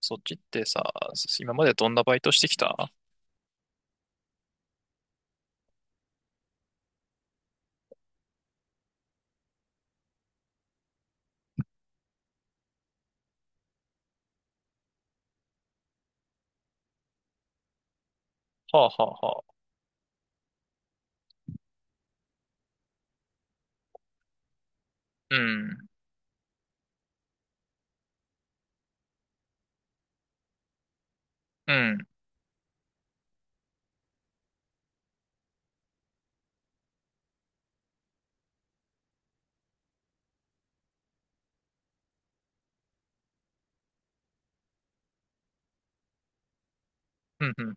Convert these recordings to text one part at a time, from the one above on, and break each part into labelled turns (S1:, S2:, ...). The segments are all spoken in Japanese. S1: そっちってさ、今までどんなバイトしてきた？はあはあはあ。うん。うん。うん。うん。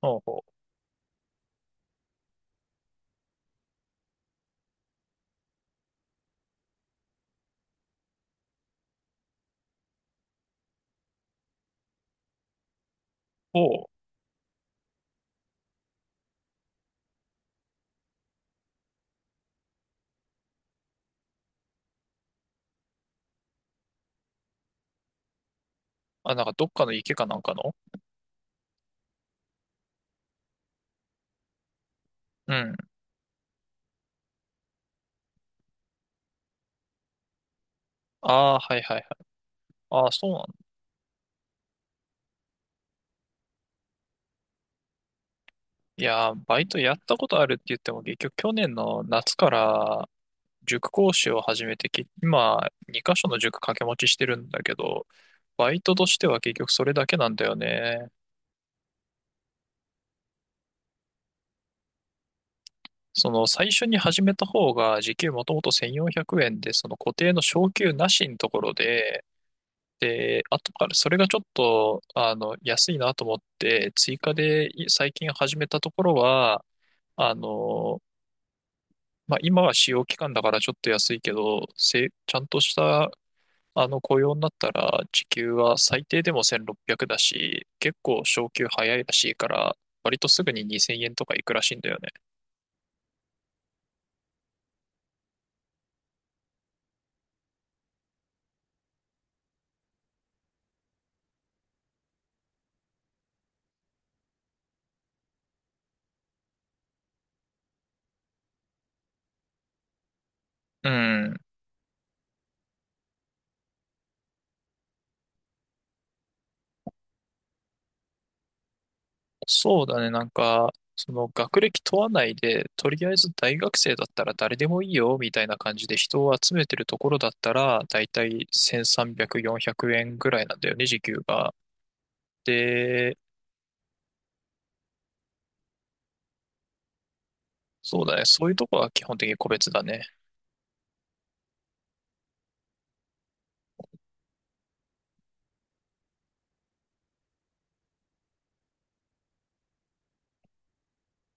S1: ほうほう。ほう。あ、なんかどっかの池かなんかの。うん。ああ、はいはいはい。ああ、そうなんだ。いやー、バイトやったことあるって言っても、結局去年の夏から塾講師を始めて、今2箇所の塾掛け持ちしてるんだけど、バイトとしては結局それだけなんだよね。その最初に始めた方が時給もともと1400円で、その固定の昇給なしのところで、で、後からそれがちょっと、安いなと思って、追加で最近始めたところは、あの、まあ、今は試用期間だからちょっと安いけど、ちゃんとした、雇用になったら、時給は最低でも1600だし、結構昇給早いらしいから、割とすぐに2000円とかいくらしいんだよね。うん。そうだね、なんか、その学歴問わないで、とりあえず大学生だったら誰でもいいよ、みたいな感じで人を集めてるところだったら、だいたい1300、400円ぐらいなんだよね、時給が。で、そうだね、そういうとこは基本的に個別だね。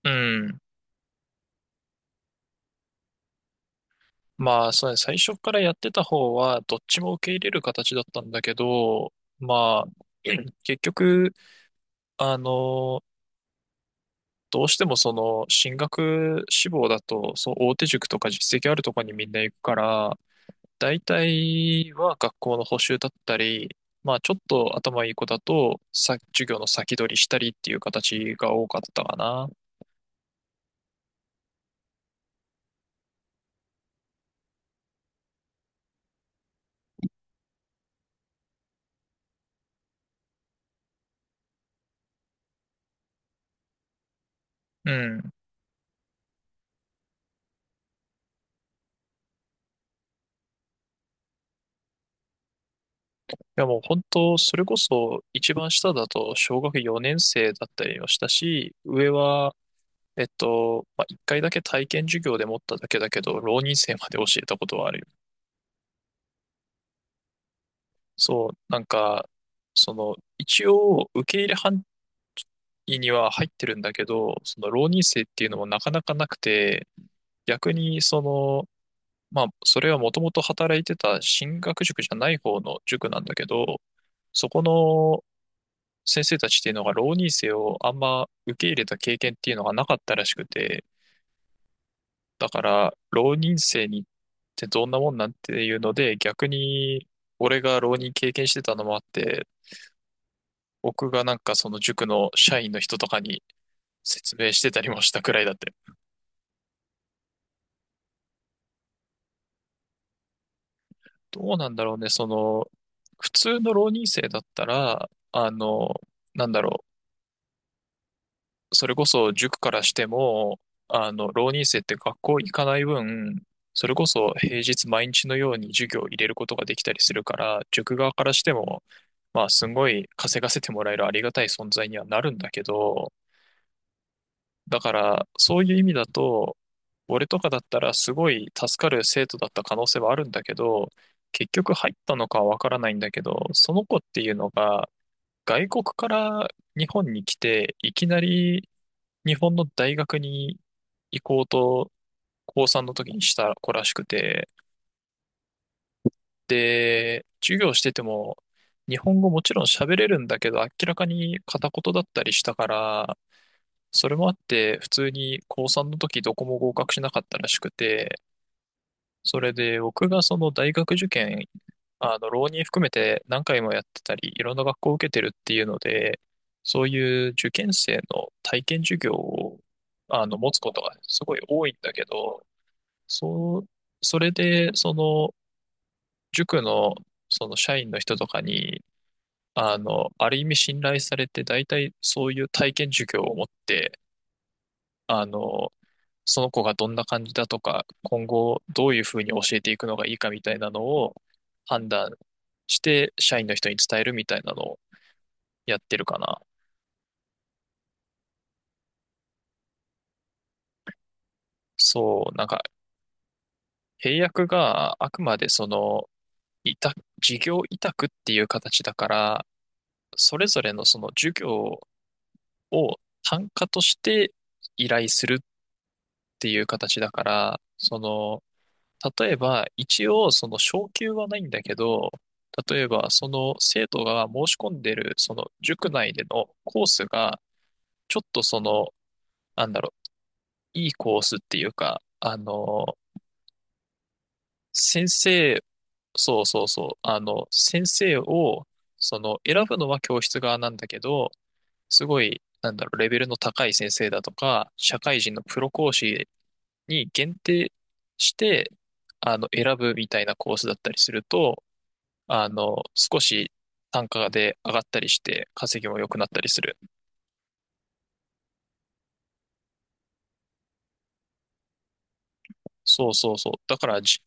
S1: うん。まあ、そうね、最初からやってた方は、どっちも受け入れる形だったんだけど、まあ、結局、あのどうしてもその進学志望だと、そう大手塾とか実績あるとこにみんな行くから、大体は学校の補習だったり、まあちょっと頭いい子だと、さ、授業の先取りしたりっていう形が多かったかな。うん。いやもう本当、それこそ一番下だと小学4年生だったりをしたし、上は、まあ、1回だけ体験授業で持っただけだけど、浪人生まで教えたことはある。そう、なんか、その、一応、受け入れ範囲には入ってるんだけど、その浪人生っていうのもなかなかなくて、逆に、その、まあ、それはもともと働いてた進学塾じゃない方の塾なんだけど、そこの先生たちっていうのが浪人生をあんま受け入れた経験っていうのがなかったらしくて、だから、浪人生にってどんなもんなんっていうので、逆に、俺が浪人経験してたのもあって、僕がなんかその塾の社員の人とかに説明してたりもしたくらいだって。どうなんだろうね、その、普通の浪人生だったら、なんだろう、それこそ塾からしても、浪人生って学校行かない分、それこそ平日毎日のように授業を入れることができたりするから、塾側からしても、まあ、すごい稼がせてもらえるありがたい存在にはなるんだけど、だから、そういう意味だと、俺とかだったらすごい助かる生徒だった可能性はあるんだけど、結局入ったのかはわからないんだけど、その子っていうのが外国から日本に来て、いきなり日本の大学に行こうと高3の時にした子らしくて、で、授業してても日本語もちろん喋れるんだけど、明らかに片言だったりしたから、それもあって、普通に高3の時どこも合格しなかったらしくて、それで僕がその大学受験、浪人含めて何回もやってたり、いろんな学校を受けてるっていうので、そういう受験生の体験授業を、持つことがねすごい多いんだけど、そう、それで、その、塾の、その社員の人とかに、ある意味信頼されて、大体そういう体験授業を持って、あの、その子がどんな感じだとか、今後どういうふうに教えていくのがいいかみたいなのを判断して社員の人に伝えるみたいなのをやってるかな。そう、なんか契約があくまでその、委託、事業委託っていう形だから、それぞれのその授業を単価として依頼するっていう形だから、その、例えば、一応、その昇給はないんだけど、例えば、その生徒が申し込んでる、その塾内でのコースが、ちょっとその、なんだろう、いいコースっていうか、先生、そうそうそう、先生を、その、選ぶのは教室側なんだけど、すごい、なんだろう、レベルの高い先生だとか、社会人のプロ講師に限定して、選ぶみたいなコースだったりすると、少し単価で上がったりして、稼ぎも良くなったりする。そうそうそう。だから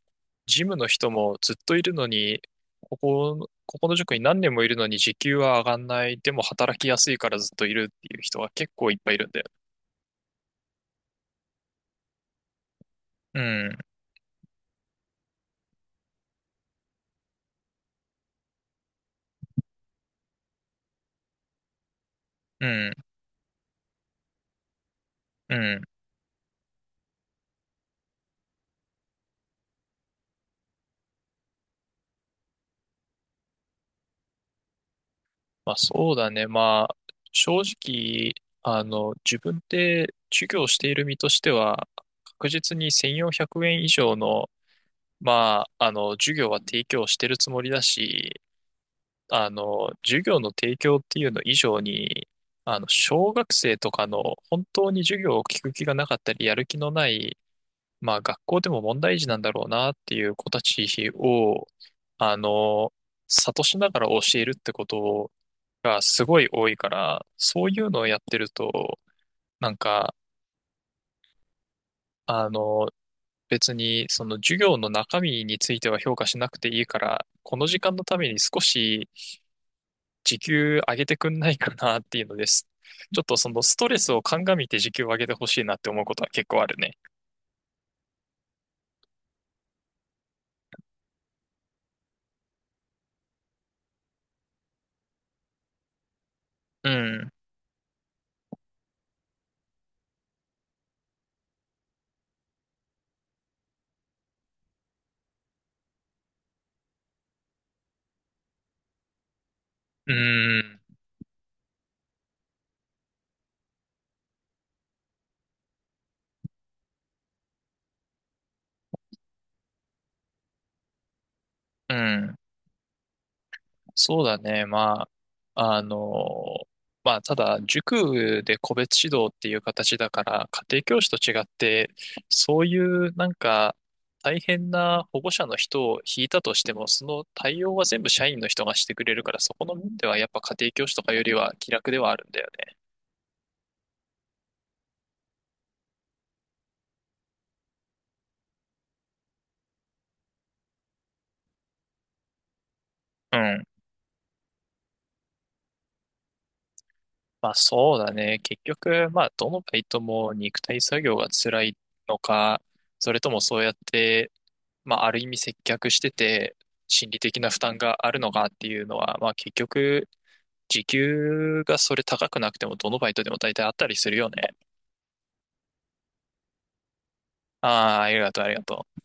S1: ジムの人もずっといるのに、ここの塾に何年もいるのに時給は上がんない。でも働きやすいからずっといるっていう人が結構いっぱいいるんだよ。うん、うん、うん。まあそうだね。まあ、正直、自分で授業している身としては、確実に1400円以上の、まあ、授業は提供してるつもりだし、授業の提供っていうの以上に、小学生とかの本当に授業を聞く気がなかったり、やる気のない、まあ、学校でも問題児なんだろうなっていう子たちを、あの、諭しながら教えるってことがすごい多いから、そういうのをやってると、なんか、あの、別にその授業の中身については評価しなくていいから、この時間のために少し時給上げてくんないかなっていうのです。ちょっとそのストレスを鑑みて時給を上げてほしいなって思うことは結構あるね。うん。うん。うん。そうだね。まあ、まあ、ただ、塾で個別指導っていう形だから、家庭教師と違って、そういうなんか、大変な保護者の人を引いたとしても、その対応は全部社員の人がしてくれるから、そこの面ではやっぱ家庭教師とかよりは気楽ではあるんだよね。うん。まあそうだね。結局、まあどのバイトも肉体作業が辛いのか、それともそうやって、まあ、ある意味接客してて、心理的な負担があるのかっていうのは、まあ、結局、時給がそれ高くなくても、どのバイトでも大体あったりするよね。ああ、ありがとう、ありがとう。